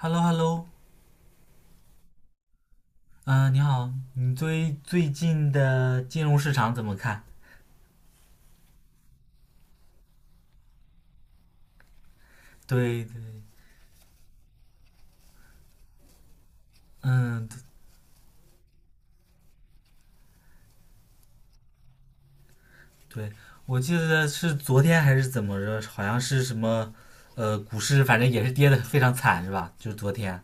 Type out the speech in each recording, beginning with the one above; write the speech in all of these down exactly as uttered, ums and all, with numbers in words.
Hello Hello。嗯、呃你好，你对最近的金融市场怎么看？对对，嗯，对，我记得是昨天还是怎么着，好像是什么，呃，股市反正也是跌的非常惨是吧？就是昨天。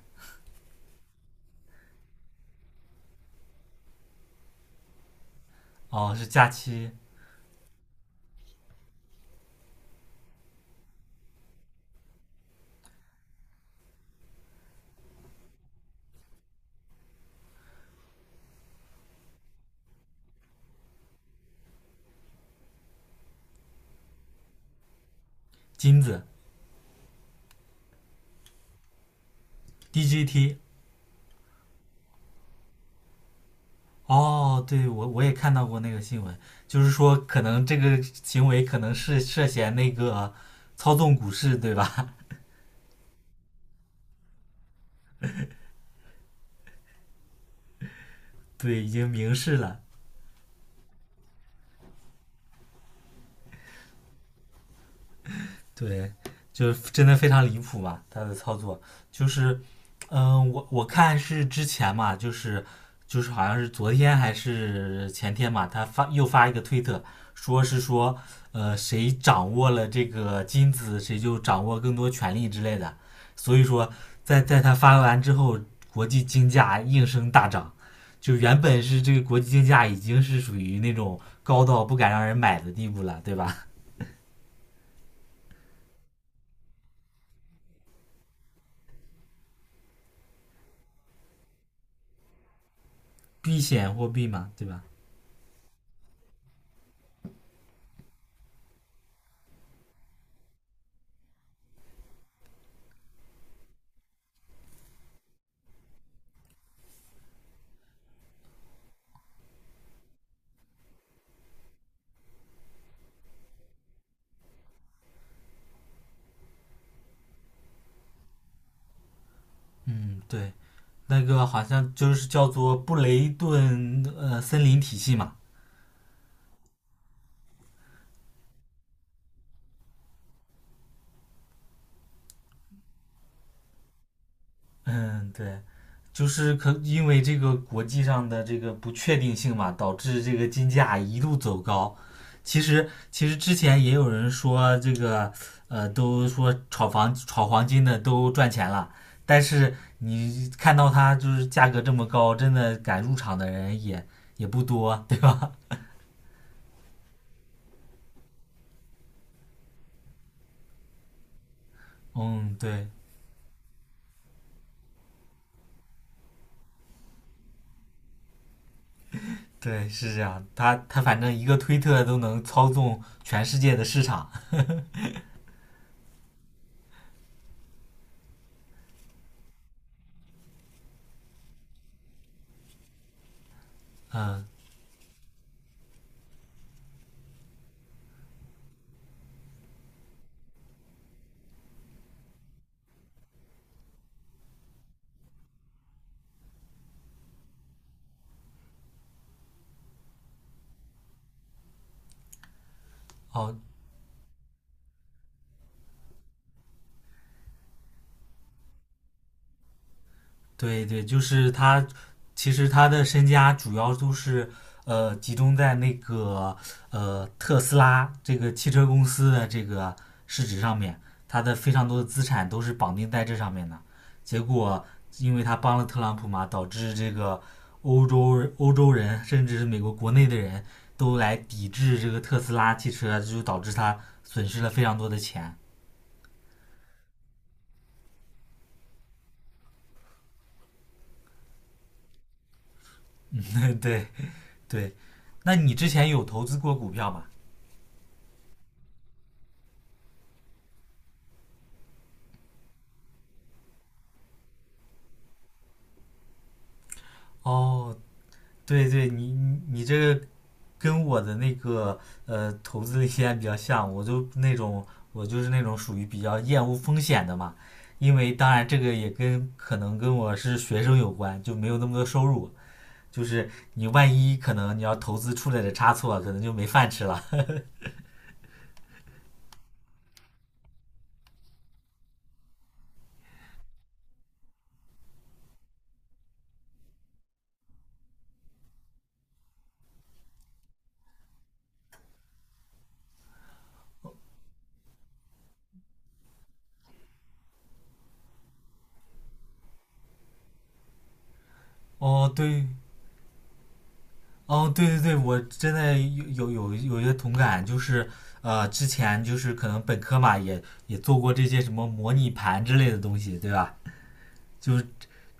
哦，是假期。金子。 D G T。哦，对，我我也看到过那个新闻，就是说可能这个行为可能是涉嫌那个操纵股市对吧？对，已经明示了。对，就是真的非常离谱嘛，他的操作就是。嗯、呃我我看是之前嘛，就是就是好像是昨天还是前天嘛，他发又发一个推特，说是说，呃，谁掌握了这个金子，谁就掌握更多权力之类的，所以说在在他发完之后，国际金价应声大涨。就原本是这个国际金价已经是属于那种高到不敢让人买的地步了，对吧？避险货币嘛，对吧？嗯，对，那个好像就是叫做布雷顿呃森林体系嘛。嗯，对，就是可因为这个国际上的这个不确定性嘛，导致这个金价一路走高。其实其实之前也有人说这个呃，都说炒房炒黄金的都赚钱了，但是你看到它就是价格这么高，真的敢入场的人也也不多，对吧？嗯，对。对，是这样。他他反正一个推特都能操纵全世界的市场。嗯，哦，对对，就是他，其实他的身家主要都是呃集中在那个呃特斯拉这个汽车公司的这个市值上面，他的非常多的资产都是绑定在这上面的。结果，因为他帮了特朗普嘛，导致这个欧洲欧洲人甚至是美国国内的人都来抵制这个特斯拉汽车啊，就导致他损失了非常多的钱。对对，那你之前有投资过股票吗？哦，对对，你你你这个跟我的那个呃投资的理念比较像，我就那种我就是那种属于比较厌恶风险的嘛，因为当然这个也跟可能跟我是学生有关，就没有那么多收入，就是你万一可能你要投资出来的差错，可能就没饭吃了。哦，对。哦，对对对，我真的有有有有一些同感，就是呃，之前就是可能本科嘛，也也做过这些什么模拟盘之类的东西，对吧？就是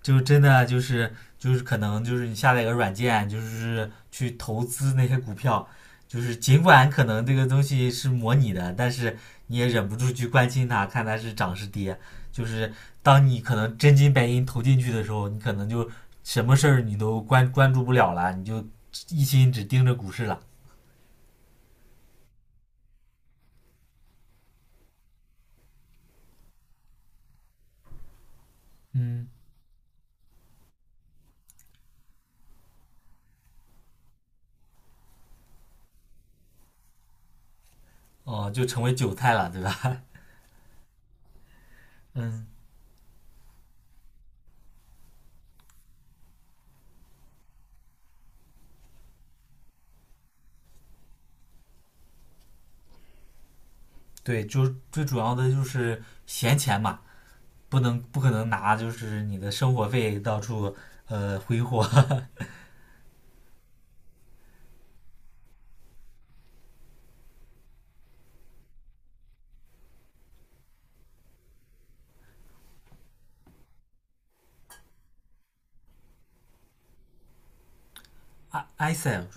就真的就是就是可能就是你下载一个软件，就是去投资那些股票，就是尽管可能这个东西是模拟的，但是你也忍不住去关心它，看它是涨是跌。就是当你可能真金白银投进去的时候，你可能就什么事儿你都关关注不了了，你就一心只盯着股市了，嗯哦、呃就成为韭菜了，对吧？嗯，对，就最主要的就是闲钱嘛，不能不可能拿就是你的生活费到处呃挥霍。I ISA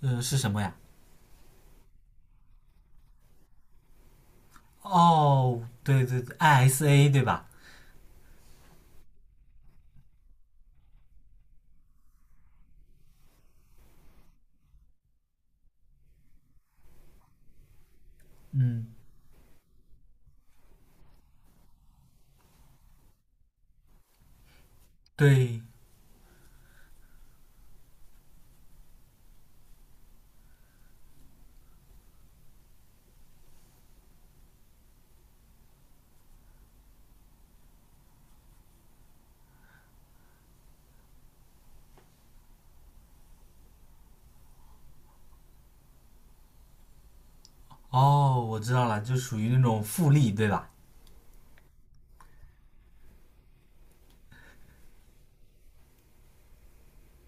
呃是什么呀？哦，对对对，Isa 对吧？嗯，对。哦，我知道了，就属于那种复利对吧？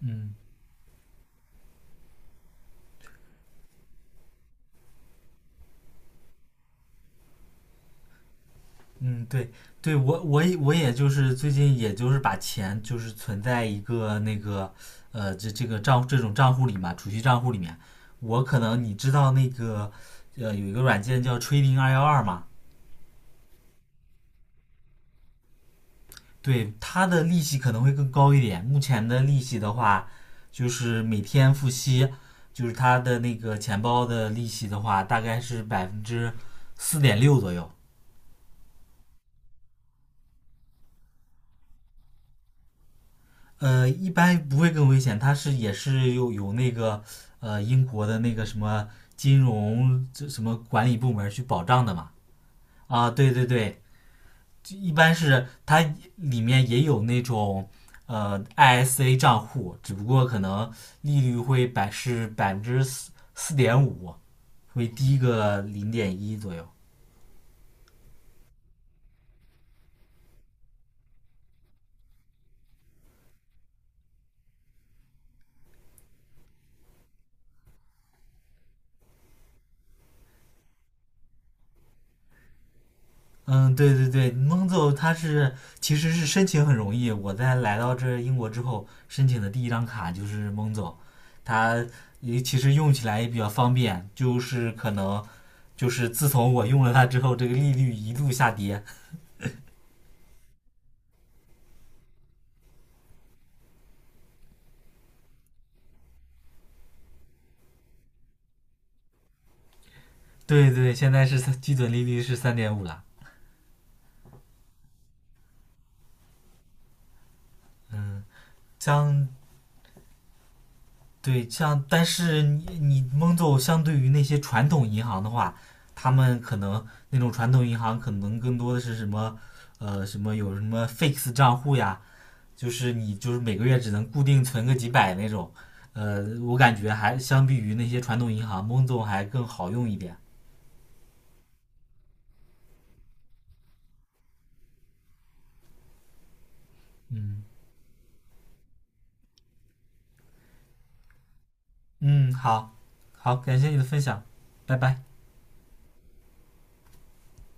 嗯嗯，对对，我我我也就是最近也就是把钱就是存在一个那个呃这这个账这种账户里嘛，储蓄账户里面。我可能你知道那个呃有一个软件叫 Trading 二幺二嘛。对，它的利息可能会更高一点。目前的利息的话，就是每天付息，就是它的那个钱包的利息的话，大概是百分之四点六左右。呃，一般不会更危险，它是也是有有那个呃英国的那个什么金融这什么管理部门去保障的嘛。啊，对对对，一般是它里面也有那种呃 Isa 账户，只不过可能利率会百是百分之四四点五，会低个零点一左右。嗯，对对对，蒙走他它是其实是申请很容易。我在来到这英国之后，申请的第一张卡就是蒙走，它也其实用起来也比较方便，就是可能就是自从我用了它之后，这个利率一路下跌。对对，现在是基准利率是三点五了。嗯，相对像，但是你你蒙总相对于那些传统银行的话，他们可能那种传统银行可能更多的是什么，呃，什么有什么 fix 账户呀，就是你就是每个月只能固定存个几百那种。呃，我感觉还相比于那些传统银行，蒙总还更好用一点。嗯嗯，好，好，感谢你的分享，拜拜。